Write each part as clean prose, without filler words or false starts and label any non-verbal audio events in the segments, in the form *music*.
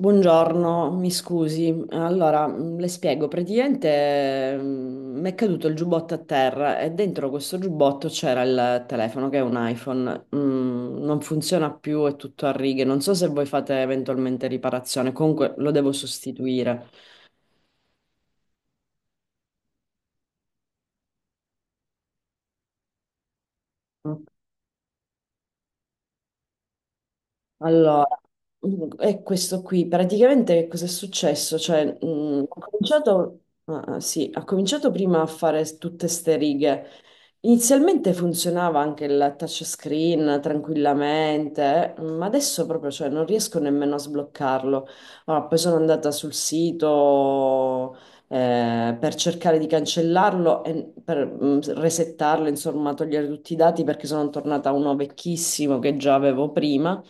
Buongiorno, mi scusi. Allora, le spiego, praticamente mi è caduto il giubbotto a terra e dentro questo giubbotto c'era il telefono che è un iPhone. Non funziona più, è tutto a righe. Non so se voi fate eventualmente riparazione, comunque lo devo sostituire. Allora, è questo qui. Praticamente che cosa è successo? Cioè, sì, ho cominciato prima a fare tutte ste righe. Inizialmente funzionava anche il touchscreen tranquillamente, ma adesso proprio, cioè, non riesco nemmeno a sbloccarlo. Allora, poi sono andata sul sito, per cercare di cancellarlo e per resettarlo, insomma, togliere tutti i dati perché sono tornata a uno vecchissimo che già avevo prima,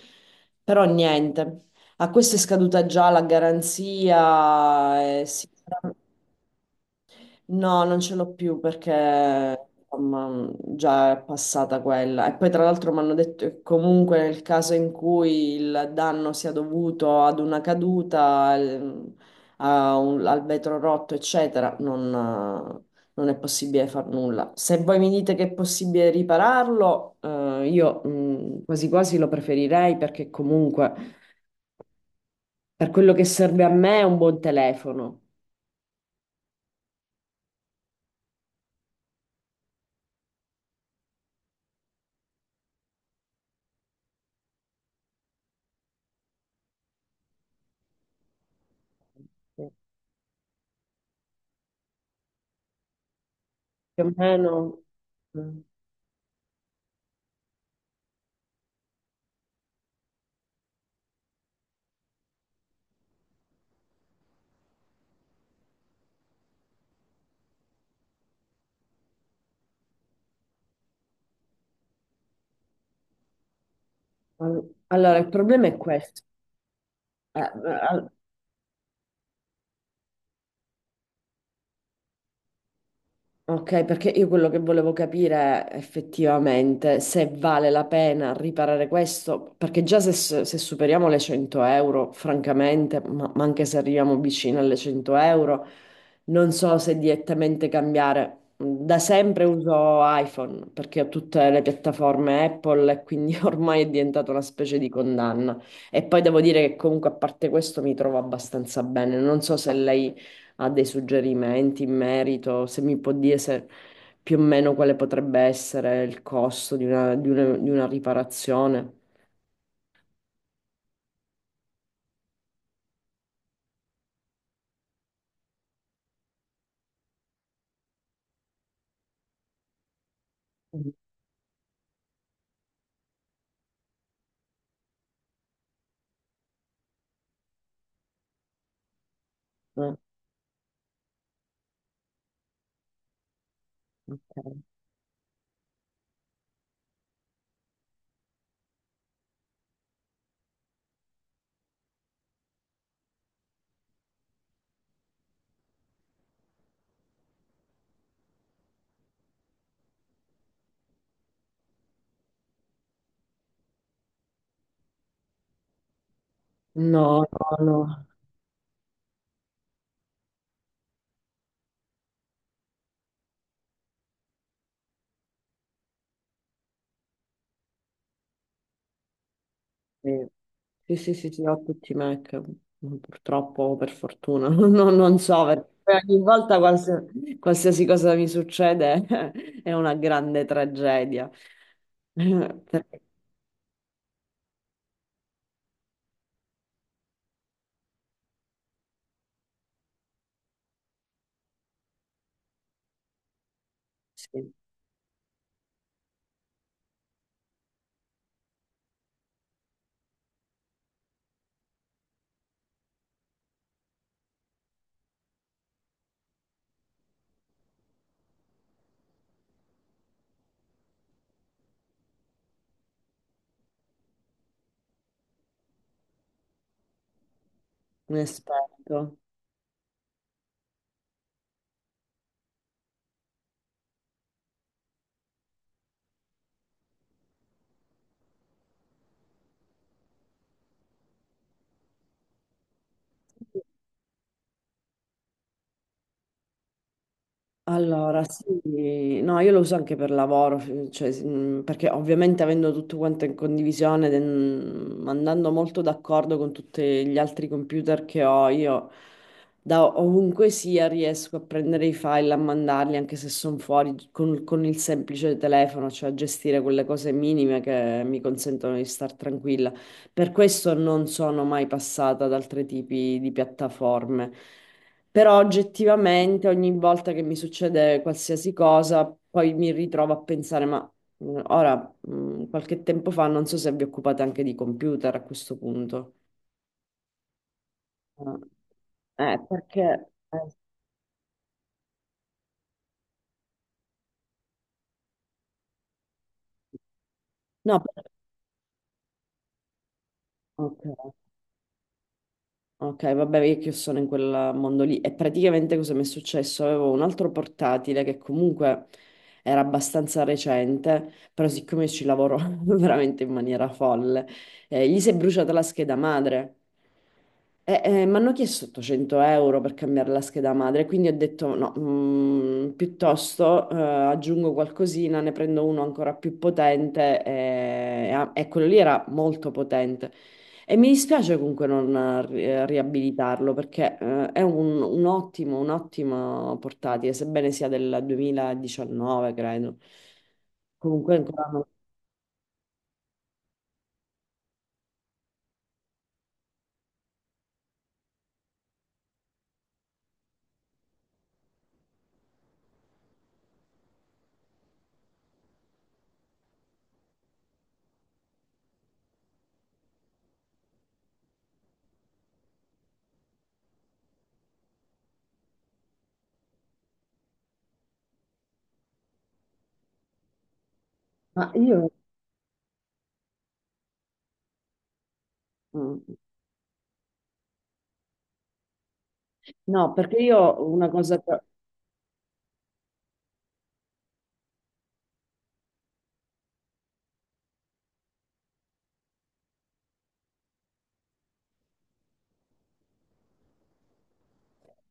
però niente. A questo è scaduta già la garanzia, sì. No, non ce l'ho più perché insomma, già è passata quella. E poi tra l'altro mi hanno detto che comunque nel caso in cui il danno sia dovuto ad una caduta, al vetro rotto, eccetera, non è possibile far nulla. Se voi mi dite che è possibile ripararlo, io quasi quasi lo preferirei perché comunque per quello che serve a me è un buon telefono. Sì. Più o meno. Mm. Allora, il problema è questo. Eh, eh, ok, perché io quello che volevo capire è effettivamente se vale la pena riparare questo, perché già se, se superiamo le 100 euro, francamente, ma anche se arriviamo vicino alle 100 euro, non so se direttamente cambiare. Da sempre uso iPhone perché ho tutte le piattaforme Apple e quindi *laughs* ormai è diventata una specie di condanna. E poi devo dire che comunque a parte questo mi trovo abbastanza bene. Non so se lei ha dei suggerimenti in merito, se mi può dire se più o meno quale potrebbe essere il costo di una, di una riparazione. Mm. Eh, No, no, no. Sì, sì, sì, sì, sì, ho tutti i Mac, purtroppo, o per fortuna. *laughs* No, non so perché ogni volta qualsiasi cosa mi succede *laughs* è una grande tragedia. *laughs* Perché. Sì, mi aspetto. Allora, sì, no, io lo uso anche per lavoro, cioè, perché ovviamente avendo tutto quanto in condivisione, ed, andando molto d'accordo con tutti gli altri computer che ho, io da ovunque sia riesco a prendere i file, a mandarli, anche se sono fuori, con il semplice telefono, cioè a gestire quelle cose minime che mi consentono di star tranquilla. Per questo non sono mai passata ad altri tipi di piattaforme. Però oggettivamente ogni volta che mi succede qualsiasi cosa, poi mi ritrovo a pensare, ma ora, qualche tempo fa, non so se vi occupate anche di computer a questo punto. Ah, perché. No, ok. Ok, vabbè, io che sono in quel mondo lì. E praticamente cosa mi è successo? Avevo un altro portatile che comunque era abbastanza recente, però siccome io ci lavoro *laughs* veramente in maniera folle, gli si è bruciata la scheda madre. E, mi hanno chiesto 800 euro per cambiare la scheda madre, quindi ho detto no, piuttosto aggiungo qualcosina, ne prendo uno ancora più potente e, e quello lì era molto potente. E mi dispiace comunque non riabilitarlo perché è un ottimo, un'ottima portatile, sebbene sia del 2019, credo. Comunque ancora no. Ma io mm, no, perché io una cosa che-.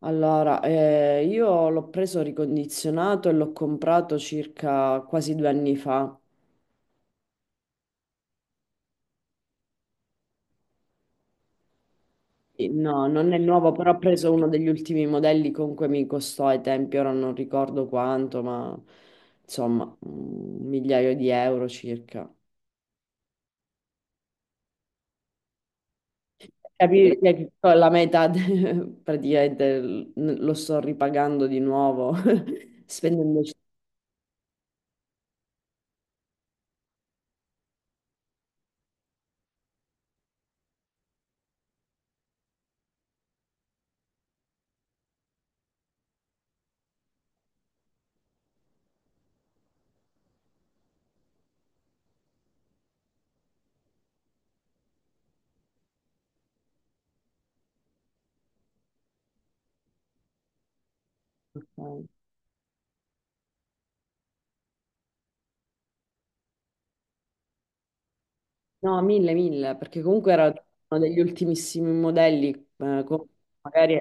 Allora, io l'ho preso ricondizionato e l'ho comprato circa quasi 2 anni fa. Sì. No, non è nuovo, però ho preso uno degli ultimi modelli, comunque mi costò ai tempi, ora non ricordo quanto, ma insomma, un migliaio di euro circa. Capire che con la metà *laughs* praticamente lo sto ripagando di nuovo, *laughs* spendendo. No, 1.000, 1.000, perché comunque era uno degli ultimissimi modelli, magari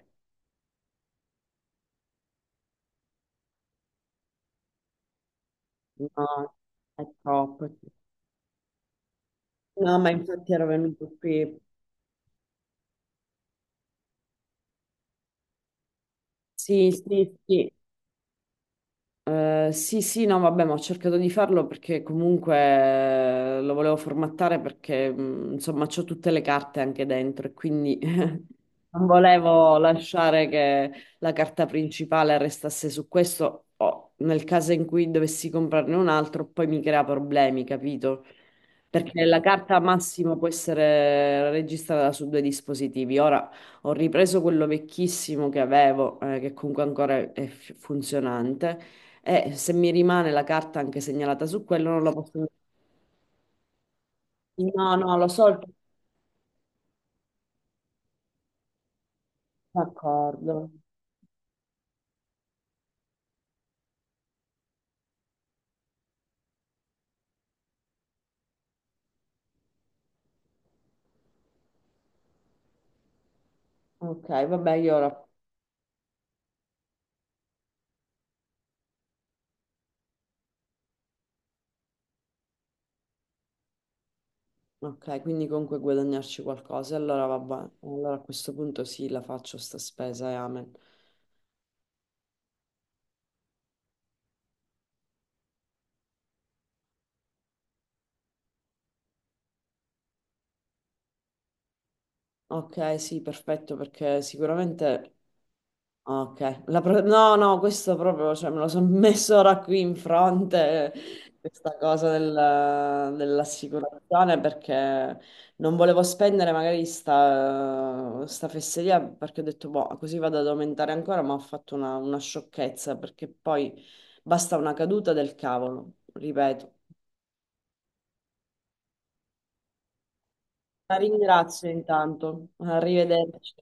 no, è troppo. No, ma infatti ero venuto qui. Sì, sì, sì. Sì, sì, no, vabbè, ma ho cercato di farlo perché comunque lo volevo formattare perché insomma c'ho tutte le carte anche dentro e quindi non volevo lasciare che la carta principale restasse su questo, o nel caso in cui dovessi comprarne un altro, poi mi crea problemi, capito? Perché la carta massimo può essere registrata su due dispositivi. Ora ho ripreso quello vecchissimo che avevo, che comunque ancora è funzionante, e se mi rimane la carta anche segnalata su quello, non la posso. No, no, lo so, il d'accordo. Ok, vabbè, io ora. Ok, quindi comunque guadagnarci qualcosa. Allora vabbè, allora a questo punto sì, la faccio sta spesa e amen. Ok, sì, perfetto, perché sicuramente. Ok. No, no, questo proprio, cioè, me lo sono *laughs* messo ora qui in fronte, questa cosa dell'assicurazione, perché non volevo spendere magari sta fesseria, perché ho detto, boh, così vado ad aumentare ancora, ma ho fatto una sciocchezza, perché poi basta una caduta del cavolo, ripeto. La ringrazio intanto, arrivederci.